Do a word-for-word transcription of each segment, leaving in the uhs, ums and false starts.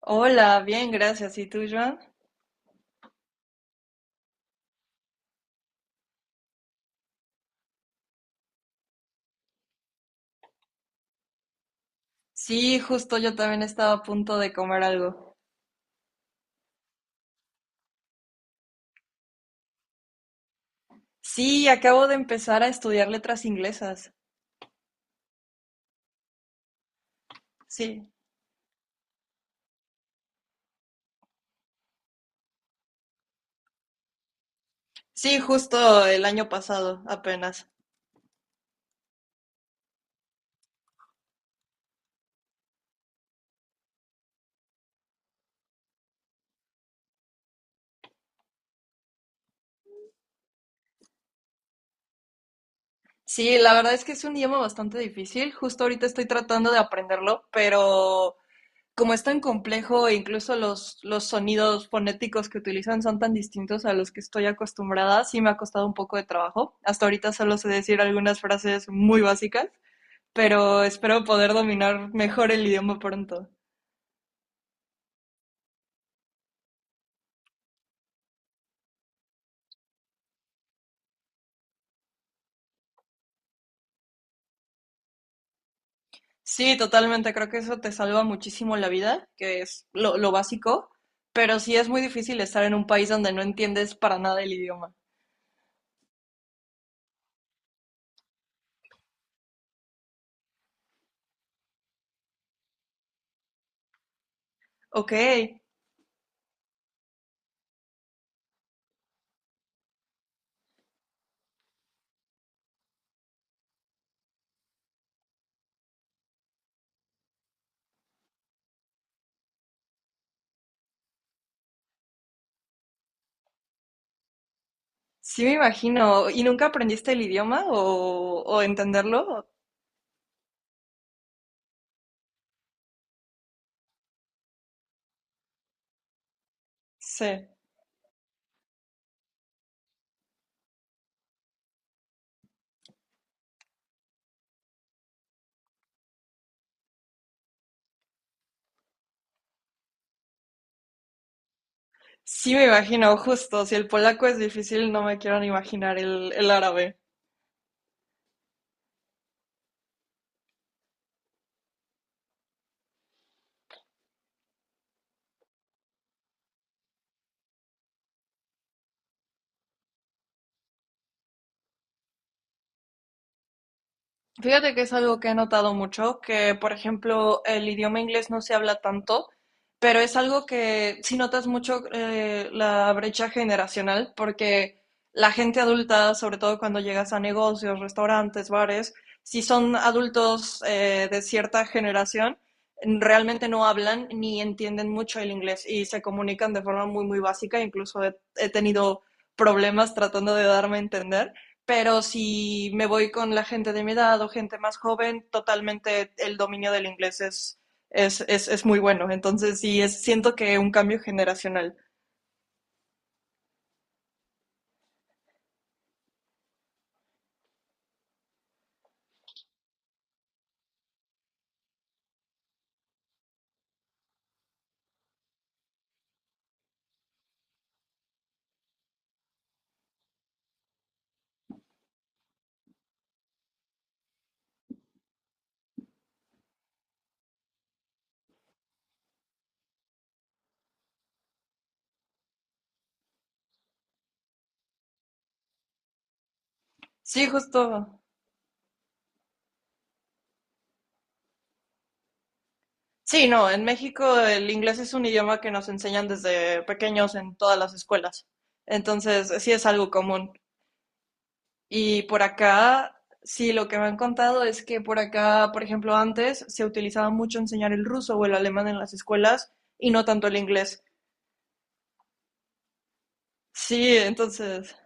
Hola, bien, gracias. ¿Y tú, Joan? Sí, justo yo también estaba a punto de comer algo. Sí, acabo de empezar a estudiar letras inglesas. Sí, sí, justo el año pasado, apenas. Sí, la verdad es que es un idioma bastante difícil. Justo ahorita estoy tratando de aprenderlo, pero como es tan complejo, e incluso los, los sonidos fonéticos que utilizan son tan distintos a los que estoy acostumbrada, sí me ha costado un poco de trabajo. Hasta ahorita solo sé decir algunas frases muy básicas. Pero espero poder dominar mejor el idioma pronto. Sí, totalmente, creo que eso te salva muchísimo la vida, que es lo, lo básico, pero sí es muy difícil estar en un país donde no entiendes para nada el idioma. Ok, sí me imagino. ¿Y nunca aprendiste el idioma o, o entenderlo? Sí, sí me imagino, justo, si el polaco es difícil, no me quiero ni imaginar el, el árabe. Fíjate que es algo que he notado mucho, que por ejemplo el idioma inglés no se habla tanto, pero es algo que sí notas mucho eh, la brecha generacional, porque la gente adulta, sobre todo cuando llegas a negocios, restaurantes, bares, si son adultos eh, de cierta generación, realmente no hablan ni entienden mucho el inglés y se comunican de forma muy, muy básica, incluso he he tenido problemas tratando de darme a entender. Pero si me voy con la gente de mi edad o gente más joven, totalmente el dominio del inglés es, es, es, es muy bueno. Entonces, sí, es, siento que un cambio generacional. Sí, justo. Sí, no, en México el inglés es un idioma que nos enseñan desde pequeños en todas las escuelas. Entonces, sí es algo común. Y por acá, sí, lo que me han contado es que por acá, por ejemplo, antes se utilizaba mucho enseñar el ruso o el alemán en las escuelas y no tanto el inglés. Sí, entonces,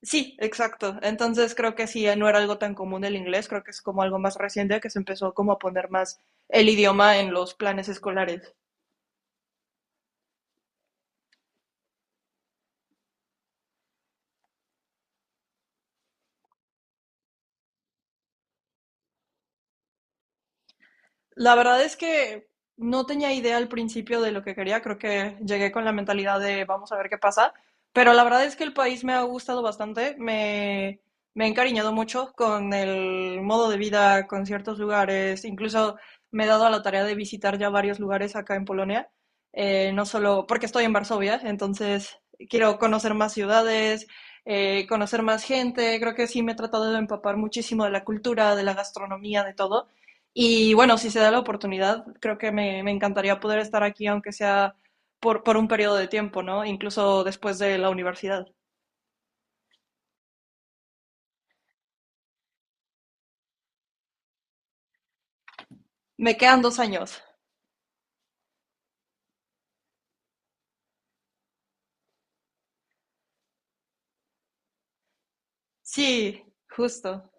sí, exacto. Entonces creo que sí, no era algo tan común el inglés, creo que es como algo más reciente que se empezó como a poner más el idioma en los planes escolares. La verdad es que no tenía idea al principio de lo que quería, creo que llegué con la mentalidad de vamos a ver qué pasa, pero la verdad es que el país me ha gustado bastante, me, me he encariñado mucho con el modo de vida, con ciertos lugares, incluso me he dado a la tarea de visitar ya varios lugares acá en Polonia, eh, no solo porque estoy en Varsovia, entonces quiero conocer más ciudades, eh, conocer más gente, creo que sí me he tratado de empapar muchísimo de la cultura, de la gastronomía, de todo. Y bueno, si se da la oportunidad, creo que me, me encantaría poder estar aquí, aunque sea por, por un periodo de tiempo, ¿no? Incluso después de la universidad. Me quedan dos años. Sí, justo.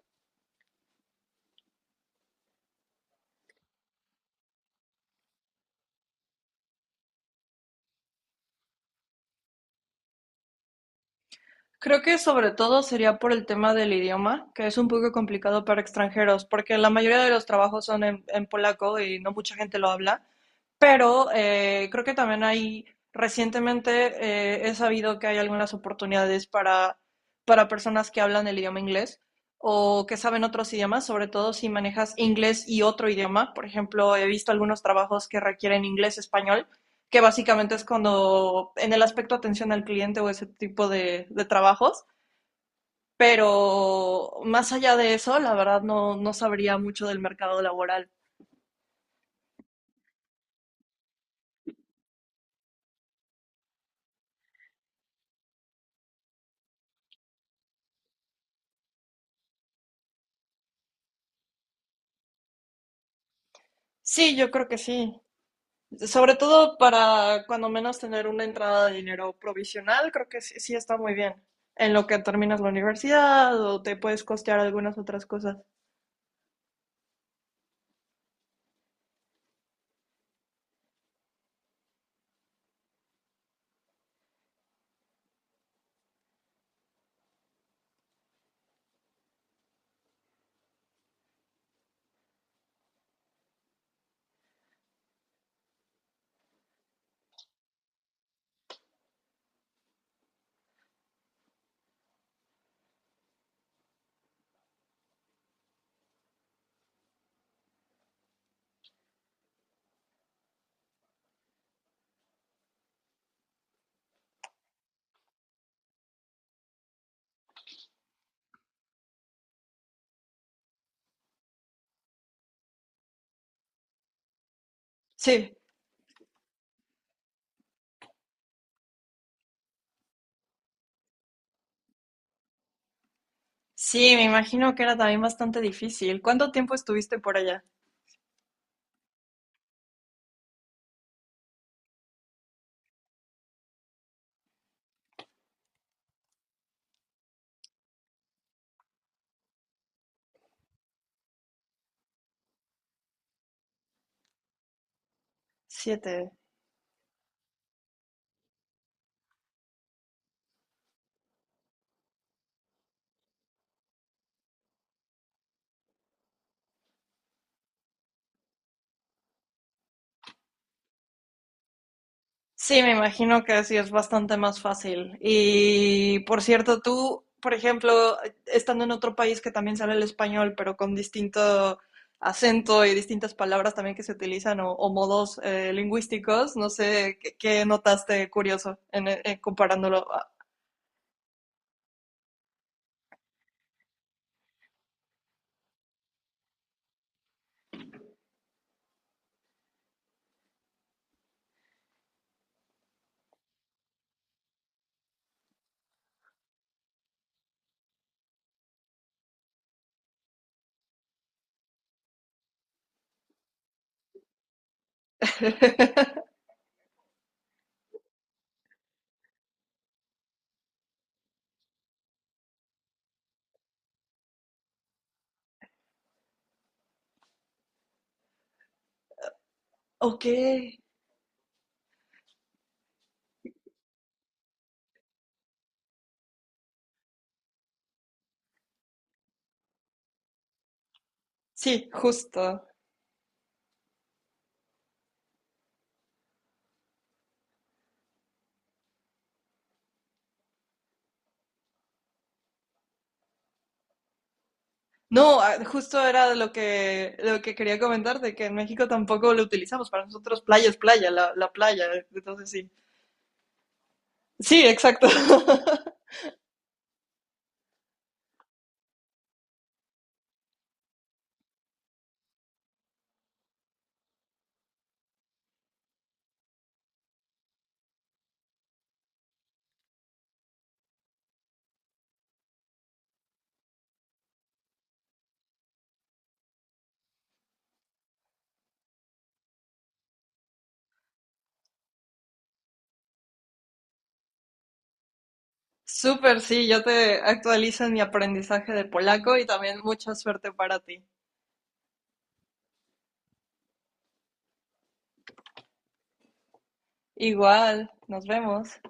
Creo que sobre todo sería por el tema del idioma, que es un poco complicado para extranjeros, porque la mayoría de los trabajos son en, en polaco y no mucha gente lo habla, pero eh, creo que también hay, recientemente eh, he sabido que hay algunas oportunidades para, para personas que hablan el idioma inglés o que saben otros idiomas, sobre todo si manejas inglés y otro idioma. Por ejemplo, he visto algunos trabajos que requieren inglés-español que básicamente es cuando en el aspecto atención al cliente o ese tipo de, de trabajos, pero más allá de eso, la verdad no, no sabría mucho del mercado laboral. Sí, yo creo que sí. Sobre todo para cuando menos tener una entrada de dinero provisional, creo que sí, sí está muy bien. En lo que terminas la universidad o te puedes costear algunas otras cosas. Sí, sí, me imagino que era también bastante difícil. ¿Cuánto tiempo estuviste por allá? Siete, sí, me imagino que sí es bastante más fácil. Y por cierto, tú, por ejemplo, estando en otro país que también sale el español, pero con distinto acento y distintas palabras también que se utilizan o, o modos eh, lingüísticos, no sé qué, qué notaste curioso en, en comparándolo. A- Ok, sí, justo. No, ah, justo era lo que, lo que quería comentarte que en México tampoco lo utilizamos. Para nosotros playa es playa, la, la playa. Entonces sí, sí, exacto. Súper, sí, yo te actualizo en mi aprendizaje de polaco y también mucha suerte para ti. Igual, nos vemos.